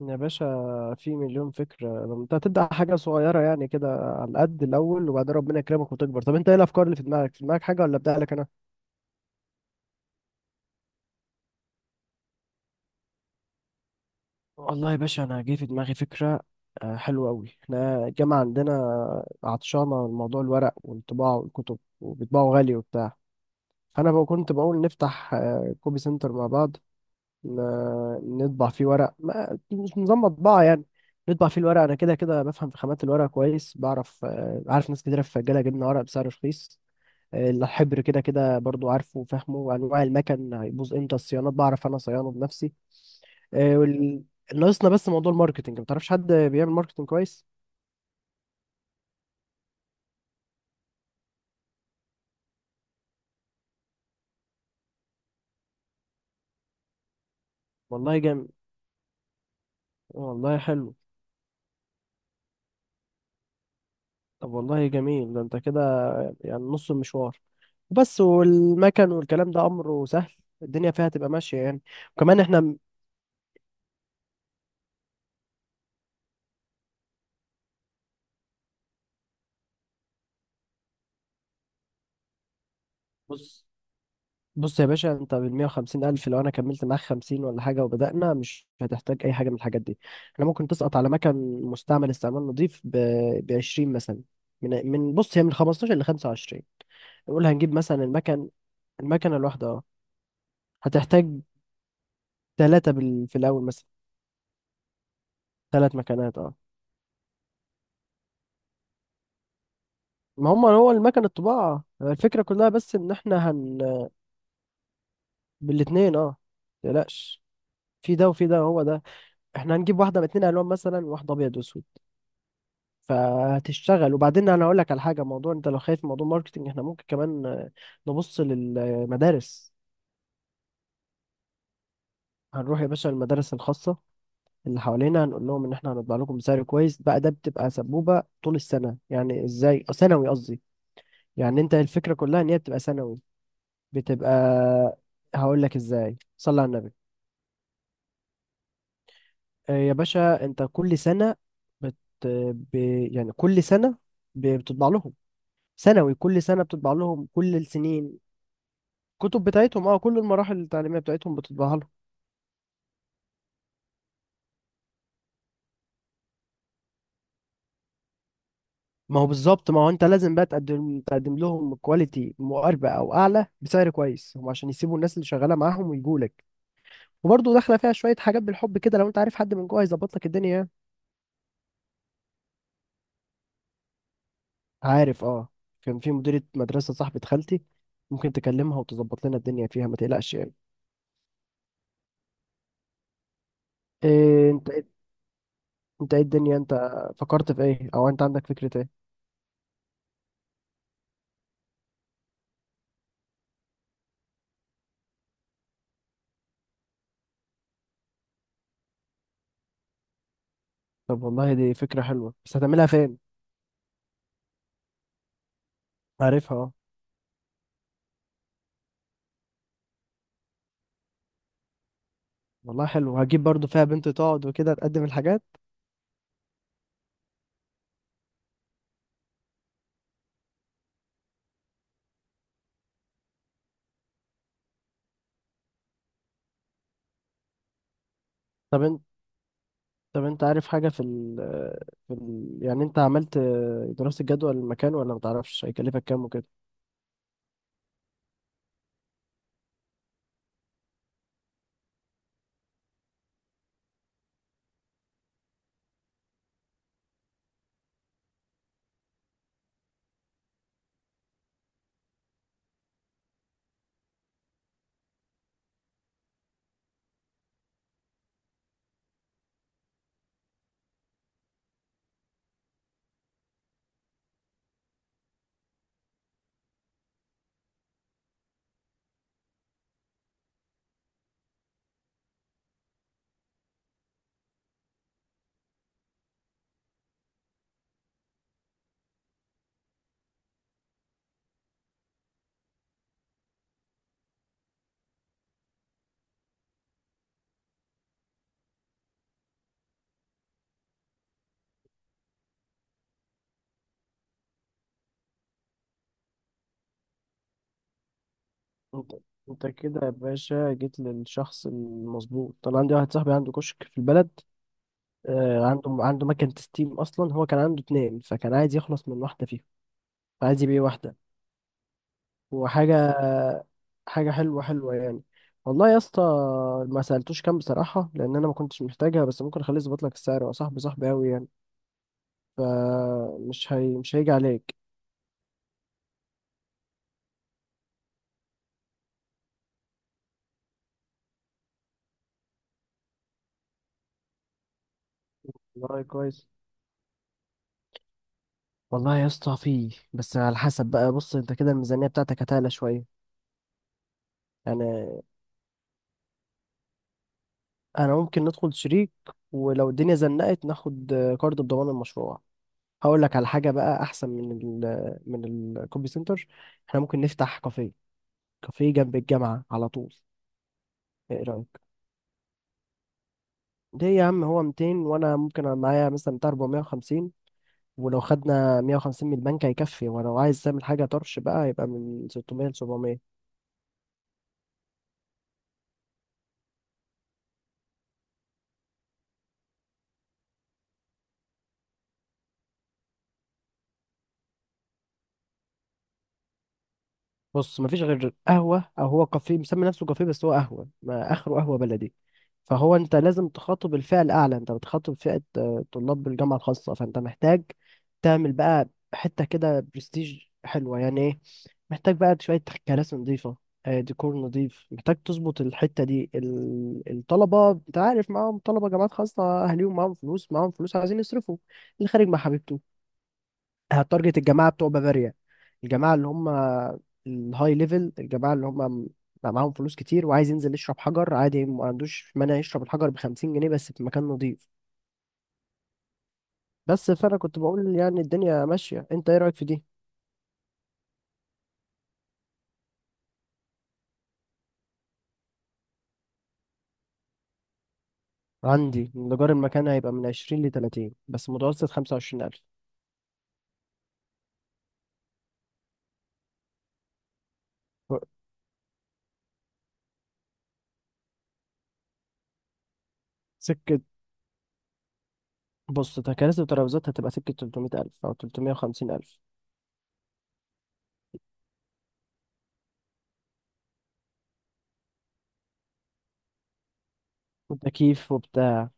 يا باشا، في مليون فكرة. لما انت هتبدأ حاجة صغيرة يعني كده على قد الأول، وبعدين ربنا يكرمك وتكبر. طب انت ايه الأفكار اللي في دماغك؟ في دماغك حاجة ولا أبدأ لك أنا؟ والله يا باشا أنا جه في دماغي فكرة حلوة أوي. احنا الجامعة عندنا عطشانة من موضوع الورق والطباعة والكتب، وبيطبعوا غالي وبتاع. فأنا بقى كنت بقول نفتح كوبي سنتر مع بعض، نطبع فيه ورق، ما مش نظام مطبعة يعني. نطبع فيه الورق، أنا كده كده بفهم في خامات الورق كويس، بعرف عارف ناس كتيرة في الجالة جبنا ورق بسعر رخيص. الحبر كده كده برضو عارفه وفاهمه، وأنواع المكن هيبوظ إمتى، الصيانات بعرف أنا صيانه بنفسي. آه، وال... ناقصنا بس موضوع الماركتينج. ما تعرفش حد بيعمل ماركتينج كويس؟ والله جامد، والله حلو. طب والله جميل، ده أنت كده يعني نص المشوار. بس والمكن والكلام ده أمره سهل، الدنيا فيها تبقى ماشية يعني. وكمان احنا، بص بص يا باشا، انت بال 150 الف، لو انا كملت معاك 50 ولا حاجه وبدانا، مش هتحتاج اي حاجه من الحاجات دي. احنا ممكن تسقط على مكن مستعمل استعمال نظيف ب 20 مثلا. من بص، هي من 15 ل 25. نقول هنجيب مثلا المكن، المكنه الواحده اه. هتحتاج في الاول مثلا ثلاث مكنات اه. ما هم، هو المكن الطباعه الفكره كلها، بس ان احنا بالاثنين اه. متقلقش، في ده وفي ده، هو ده. احنا هنجيب واحده باتنين الوان، مثلا واحده ابيض واسود، فهتشتغل. وبعدين انا اقول لك على حاجه. موضوع انت لو خايف من موضوع الماركتنج، احنا ممكن كمان نبص للمدارس. هنروح يا باشا المدارس الخاصه اللي حوالينا، هنقول لهم ان احنا هنطبع لكم بسعر كويس. بقى ده بتبقى سبوبه طول السنه يعني. ازاي؟ سنوي قصدي يعني. انت الفكره كلها ان هي بتبقى سنوي، بتبقى. هقول لك ازاي، صلي على النبي. يا باشا انت كل سنه، بت... ب... يعني كل سنه بتطبع لهم، سنوي، كل سنه بتطبع لهم، كل السنين. كتب بتاعتهم اه، كل المراحل التعليميه بتاعتهم بتطبعها لهم. ما هو بالظبط. ما هو انت لازم بقى تقدم لهم كواليتي مقاربه او اعلى بسعر كويس هم، عشان يسيبوا الناس اللي شغاله معاهم ويجوا لك. وبرضه داخله فيها شويه حاجات بالحب كده، لو انت عارف حد من جوه هيظبط لك الدنيا يعني. عارف اه، كان في مديره مدرسه صاحبه خالتي، ممكن تكلمها وتظبط لنا الدنيا فيها، ما تقلقش يعني. إيه انت، انت ايه الدنيا؟ انت فكرت في ايه؟ او انت عندك فكره ايه؟ طب والله دي فكره حلوه، بس هتعملها فين؟ عارفها آه. والله حلو، هجيب برضو فيها بنت تقعد وكده تقدم الحاجات. طب انت طب انت عارف حاجة في ال، في ال يعني، انت عملت دراسة جدوى للمكان ولا متعرفش هيكلفك كام وكده؟ انت انت كده يا باشا جيت للشخص المظبوط. طبعا عندي واحد صاحبي عنده كشك في البلد، عنده مكنة ستيم. اصلا هو كان عنده اتنين، فكان عايز يخلص من واحدة فيهم، عايز يبيع واحدة. وحاجة حلوة حلوة يعني. والله يا اسطى ما سألتوش كام بصراحة، لأن أنا ما كنتش محتاجها، بس ممكن أخليه يظبط لك السعر، هو صاحبي صاحبي أوي يعني، مش هيجي عليك. والله كويس. والله يا اسطى فيه، بس على حسب بقى. بص أنت كده الميزانية بتاعتك هتعلى شوية يعني. أنا ممكن ندخل شريك، ولو الدنيا زنقت ناخد كارد بضمان المشروع. هقول لك على حاجة بقى أحسن من ال، من الكوبي سنتر. احنا ممكن نفتح كافيه، كافيه جنب الجامعة على طول. ايه رأيك؟ ليه يا عم، هو 200، وانا ممكن أنا معايا مثلا بتاع 450، ولو خدنا 150 من البنك هيكفي. ولو عايز تعمل حاجة طرش بقى، يبقى من 600 ل 700. بص، مفيش غير قهوة، او هو كافيه مسمي نفسه كافيه بس هو قهوة، ما اخره قهوة بلدي. فهو انت لازم تخاطب الفئة الاعلى. انت بتخاطب فئة طلاب بالجامعة الخاصة، فانت محتاج تعمل بقى حتة كده برستيج حلوة، يعني إيه؟ محتاج بقى شوية كراسي نظيفة، ديكور نظيف، محتاج تظبط الحتة دي. الطلبة انت عارف، معاهم، طلبة جامعات خاصة أهاليهم معاهم فلوس، معاهم فلوس عايزين يصرفوا، اللي خارج مع حبيبته. هتارجت الجماعة بتوع بافاريا، الجماعة اللي هم الهاي ليفل، الجماعة اللي هم بقى معاهم فلوس كتير، وعايز ينزل يشرب حجر عادي، ما عندوش مانع يشرب الحجر بخمسين جنيه بس في مكان نظيف. بس فأنا كنت بقول يعني الدنيا ماشية. انت ايه رأيك في دي؟ عندي إن إيجار المكان هيبقى من 20 لـ30، بس متوسط 25 ألف. سكة. بص تكاليف الترابيزات هتبقى سكة 300,000 أو 350,000. وتكييف وبتاع.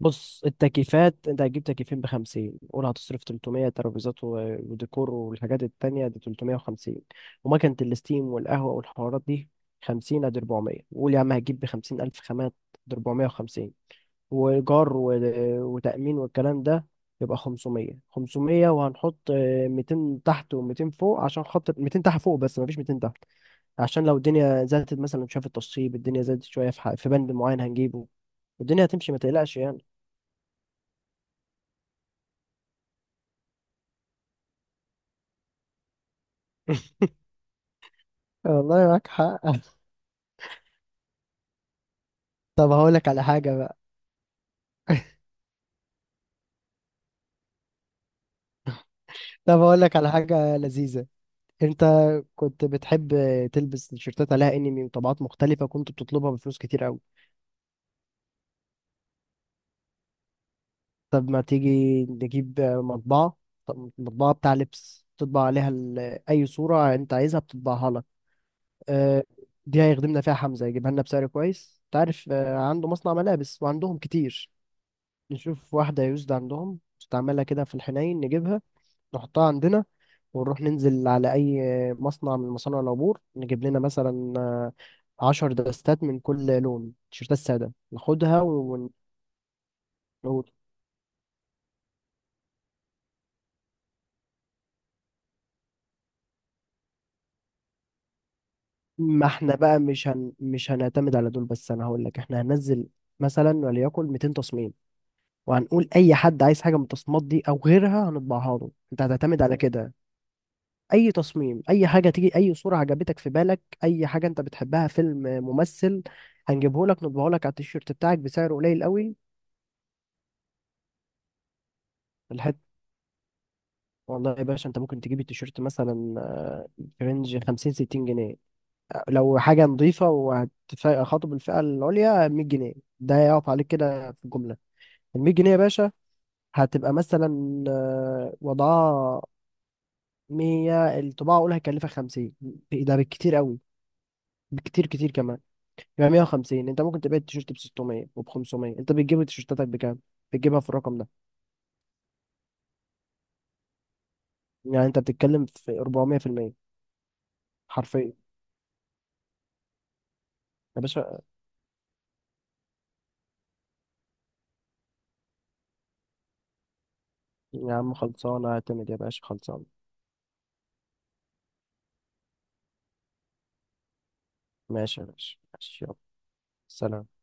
بص التكييفات أنت هتجيب تكييفين بـ50، قول هتصرف 300 ترابيزات وديكور والحاجات التانية دي 350، ومكنة الستيم والقهوة والحوارات دي 50، أدي 400. وقول يا عم هتجيب بـ50 ألف خامات، دي 450، وإيجار وتأمين والكلام ده، يبقى 500. وهنحط 200 تحت و200 فوق، عشان خاطر 200 تحت فوق. بس مفيش 200 تحت، عشان لو الدنيا زادت مثلا، شاف التصيب الدنيا زادت شوية في في بند معين هنجيبه، والدنيا هتمشي ما تقلقش يعني. والله معاك حق. طب هقول لك على حاجة بقى. طب هقول لك على حاجة لذيذة. انت كنت بتحب تلبس تيشيرتات عليها انمي وطبعات مختلفة، كنت بتطلبها بفلوس كتير قوي. طب ما تيجي نجيب مطبعة، طب مطبعة بتاع لبس تطبع عليها اي صورة انت عايزها بتطبعها لك. اه، دي هيخدمنا فيها حمزة، يجيبها لنا بسعر كويس، تعرف عنده مصنع ملابس وعندهم كتير. نشوف واحدة يوزد عندهم نستعملها كده في الحنين، نجيبها نحطها عندنا، ونروح ننزل على أي مصنع من مصانع العبور، نجيب لنا مثلا 10 دستات من كل لون تيشيرتات سادة ناخدها ون- ما احنا بقى مش هنعتمد على دول بس. أنا هقول لك، احنا هننزل مثلا وليكن 200 تصميم، وهنقول أي حد عايز حاجة من التصميمات دي أو غيرها هنطبعها له، أنت هتعتمد على كده. اي تصميم، اي حاجه تيجي، اي صوره عجبتك في بالك، اي حاجه انت بتحبها، فيلم، ممثل، هنجيبه لك نطبعه لك على التيشيرت بتاعك بسعر قليل قوي. الحت والله يا باشا انت ممكن تجيب التيشيرت مثلا في رينج 50 60 جنيه. لو حاجه نظيفه وهتخاطب الفئه العليا 100 جنيه. ده يقف عليك كده في الجمله. ال 100 جنيه يا باشا هتبقى مثلا وضعها 100 الطباعه اقول هيكلفك 50، ده بالكتير قوي، بكتير كتير كمان. يبقى 150. انت ممكن تبيع التيشيرت ب 600 وب 500. انت بتجيب تيشيرتاتك بكام؟ بتجيبها في الرقم ده. يعني انت بتتكلم في 400%، حرفيا يا باشا. يا عم خلصانه، اعتمد يا باشا، خلصانه. ماشي يا باشا ماشي، يلا سلام.